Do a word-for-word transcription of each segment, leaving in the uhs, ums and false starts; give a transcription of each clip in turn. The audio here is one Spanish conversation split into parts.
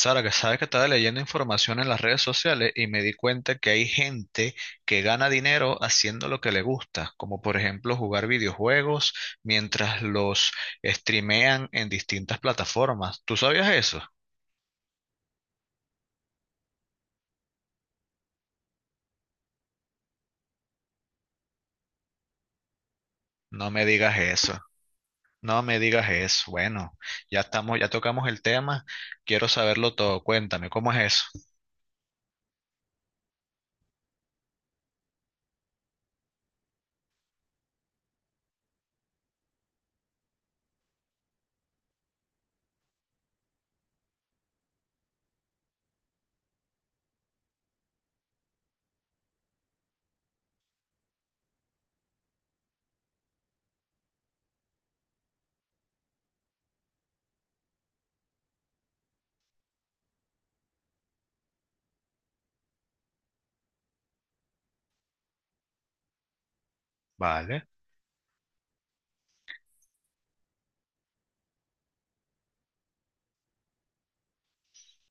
Sara, que sabes que estaba leyendo información en las redes sociales y me di cuenta que hay gente que gana dinero haciendo lo que le gusta, como por ejemplo jugar videojuegos mientras los streamean en distintas plataformas. ¿Tú sabías eso? No me digas eso. No me digas eso. Bueno, ya estamos, ya tocamos el tema. Quiero saberlo todo. Cuéntame, ¿cómo es eso? Vale,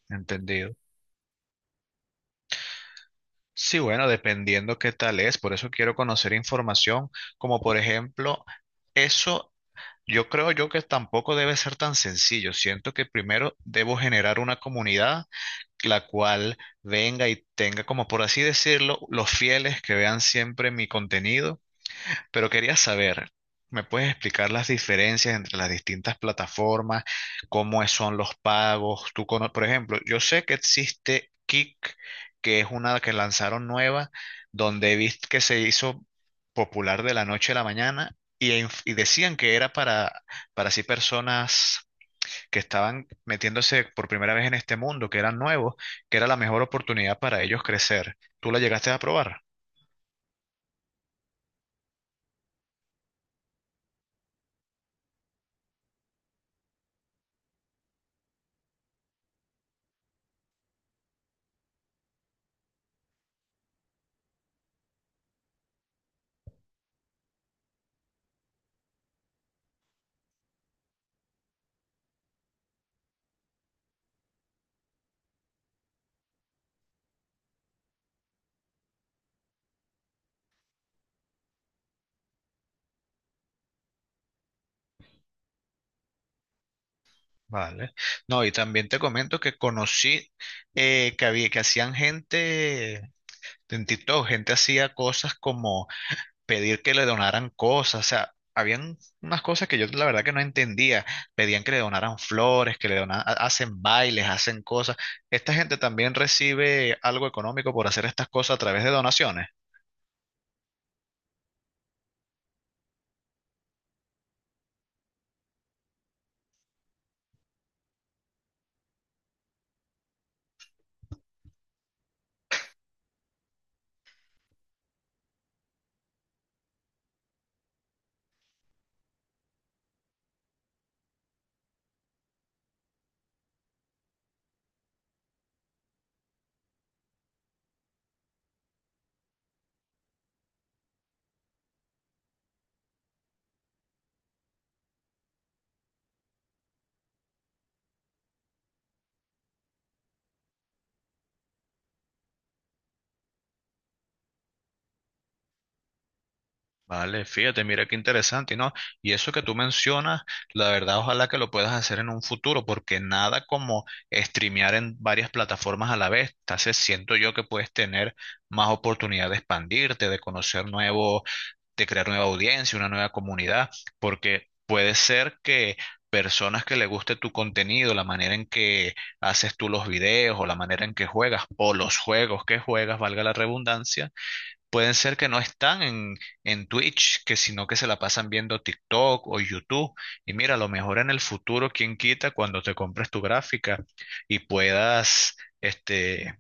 entendido. Sí, bueno, dependiendo qué tal es, por eso quiero conocer información, como por ejemplo, eso. Yo creo yo que tampoco debe ser tan sencillo. Siento que primero debo generar una comunidad la cual venga y tenga, como por así decirlo, los fieles que vean siempre mi contenido. Pero quería saber, ¿me puedes explicar las diferencias entre las distintas plataformas? ¿Cómo es- son los pagos? Tú cono- por ejemplo, yo sé que existe Kick, que es una que lanzaron nueva, donde viste que se hizo popular de la noche a la mañana y, en- y decían que era para, para así personas que estaban metiéndose por primera vez en este mundo, que eran nuevos, que era la mejor oportunidad para ellos crecer. ¿Tú la llegaste a probar? Vale. No, y también te comento que conocí eh, que había, que hacían gente en TikTok, gente hacía cosas como pedir que le donaran cosas, o sea, habían unas cosas que yo la verdad que no entendía, pedían que le donaran flores, que le donaran, hacen bailes, hacen cosas. Esta gente también recibe algo económico por hacer estas cosas a través de donaciones. Vale, fíjate, mira qué interesante, ¿no? Y eso que tú mencionas, la verdad, ojalá que lo puedas hacer en un futuro, porque nada como streamear en varias plataformas a la vez. Entonces, siento yo que puedes tener más oportunidad de expandirte, de conocer nuevos, de crear nueva audiencia, una nueva comunidad, porque puede ser que personas que le guste tu contenido, la manera en que haces tú los videos o la manera en que juegas o los juegos que juegas, valga la redundancia, pueden ser que no están en, en Twitch, que sino que se la pasan viendo TikTok o YouTube. Y mira, a lo mejor en el futuro, quién quita cuando te compres tu gráfica y puedas, este,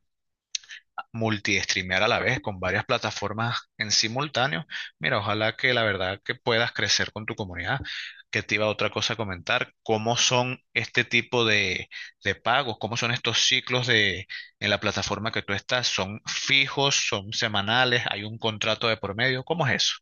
multi-streamear a la vez con varias plataformas en simultáneo. Mira, ojalá que la verdad que puedas crecer con tu comunidad. Que te iba otra cosa a comentar, cómo son este tipo de, de pagos, cómo son estos ciclos de en la plataforma que tú estás, son fijos, son semanales, hay un contrato de por medio, ¿cómo es eso?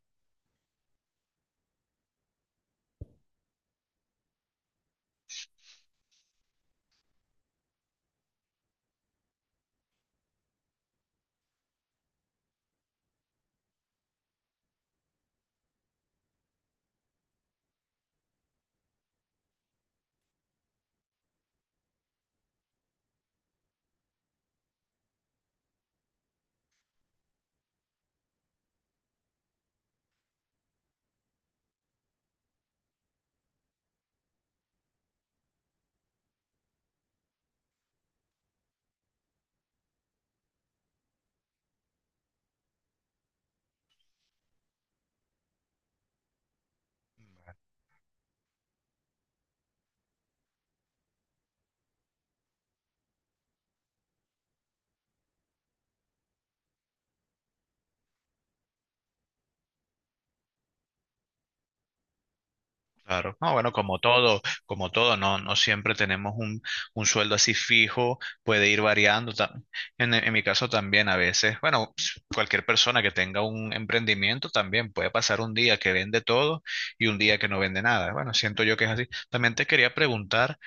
Claro. No, bueno, como todo, como todo, no, no siempre tenemos un, un sueldo así fijo, puede ir variando. Ta- En, en mi caso también a veces, bueno, cualquier persona que tenga un emprendimiento también puede pasar un día que vende todo y un día que no vende nada. Bueno, siento yo que es así. También te quería preguntar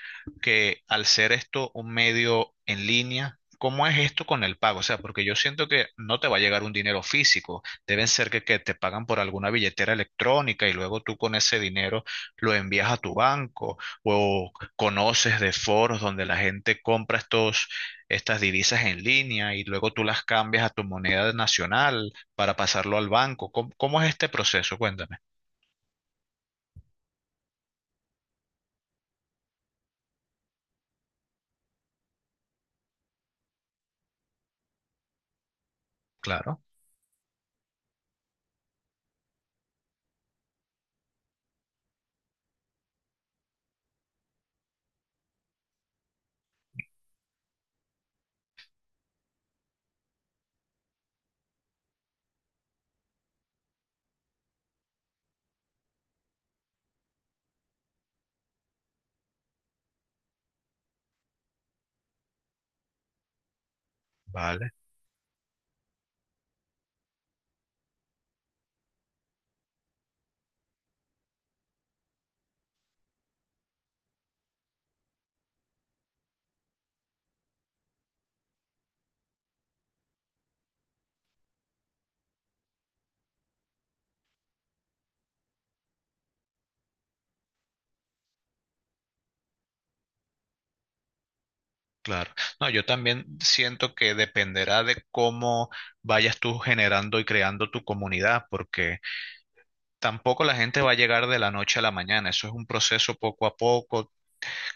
que al ser esto un medio en línea, ¿cómo es esto con el pago? O sea, porque yo siento que no te va a llegar un dinero físico. Deben ser que, que te pagan por alguna billetera electrónica y luego tú con ese dinero lo envías a tu banco o conoces de foros donde la gente compra estos, estas divisas en línea y luego tú las cambias a tu moneda nacional para pasarlo al banco. ¿Cómo, cómo es este proceso? Cuéntame. Claro, vale, claro. No, yo también siento que dependerá de cómo vayas tú generando y creando tu comunidad, porque tampoco la gente va a llegar de la noche a la mañana. Eso es un proceso poco a poco,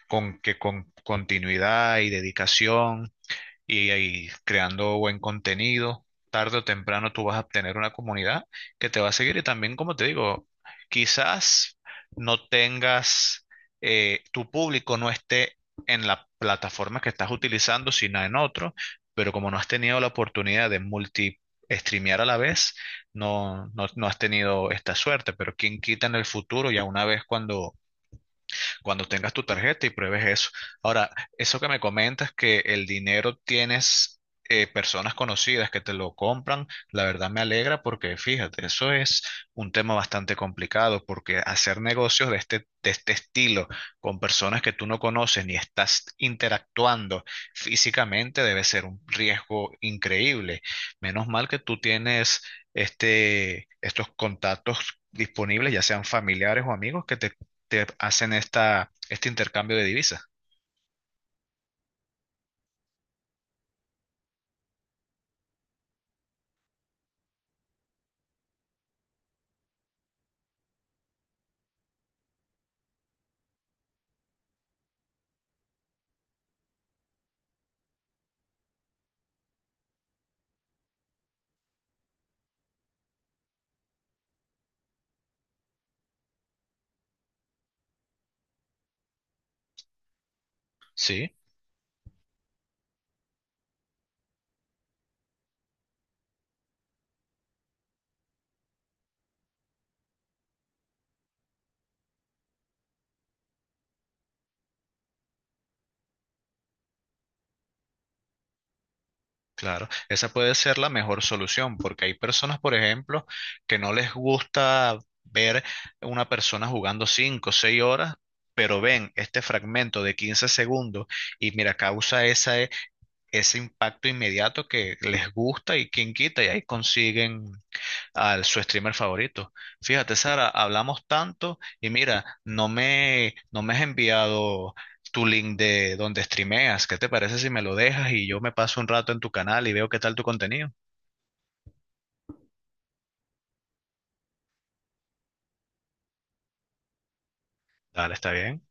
con que con continuidad y dedicación y, ahí creando buen contenido. Tarde o temprano tú vas a obtener una comunidad que te va a seguir y también, como te digo, quizás no tengas, eh, tu público no esté en la plataforma que estás utilizando, sino en otro, pero como no has tenido la oportunidad de multi streamear a la vez, no, no, no has tenido esta suerte, pero quién quita en el futuro, ya una vez cuando cuando tengas tu tarjeta y pruebes eso. Ahora, eso que me comentas que el dinero tienes eh, personas conocidas que te lo compran, la verdad me alegra porque fíjate, eso es un tema bastante complicado porque hacer negocios de este, de este estilo con personas que tú no conoces ni estás interactuando físicamente debe ser un riesgo increíble. Menos mal que tú tienes este, estos contactos disponibles, ya sean familiares o amigos, que te te hacen esta, este intercambio de divisas. Sí, claro. Esa puede ser la mejor solución, porque hay personas, por ejemplo, que no les gusta ver una persona jugando cinco, o 6 horas, pero ven este fragmento de quince segundos y mira, causa esa, ese impacto inmediato que les gusta y quien quita y ahí consiguen al su streamer favorito. Fíjate, Sara, hablamos tanto y mira, no me, no me has enviado tu link de donde streameas. ¿Qué te parece si me lo dejas y yo me paso un rato en tu canal y veo qué tal tu contenido? Dale, está bien.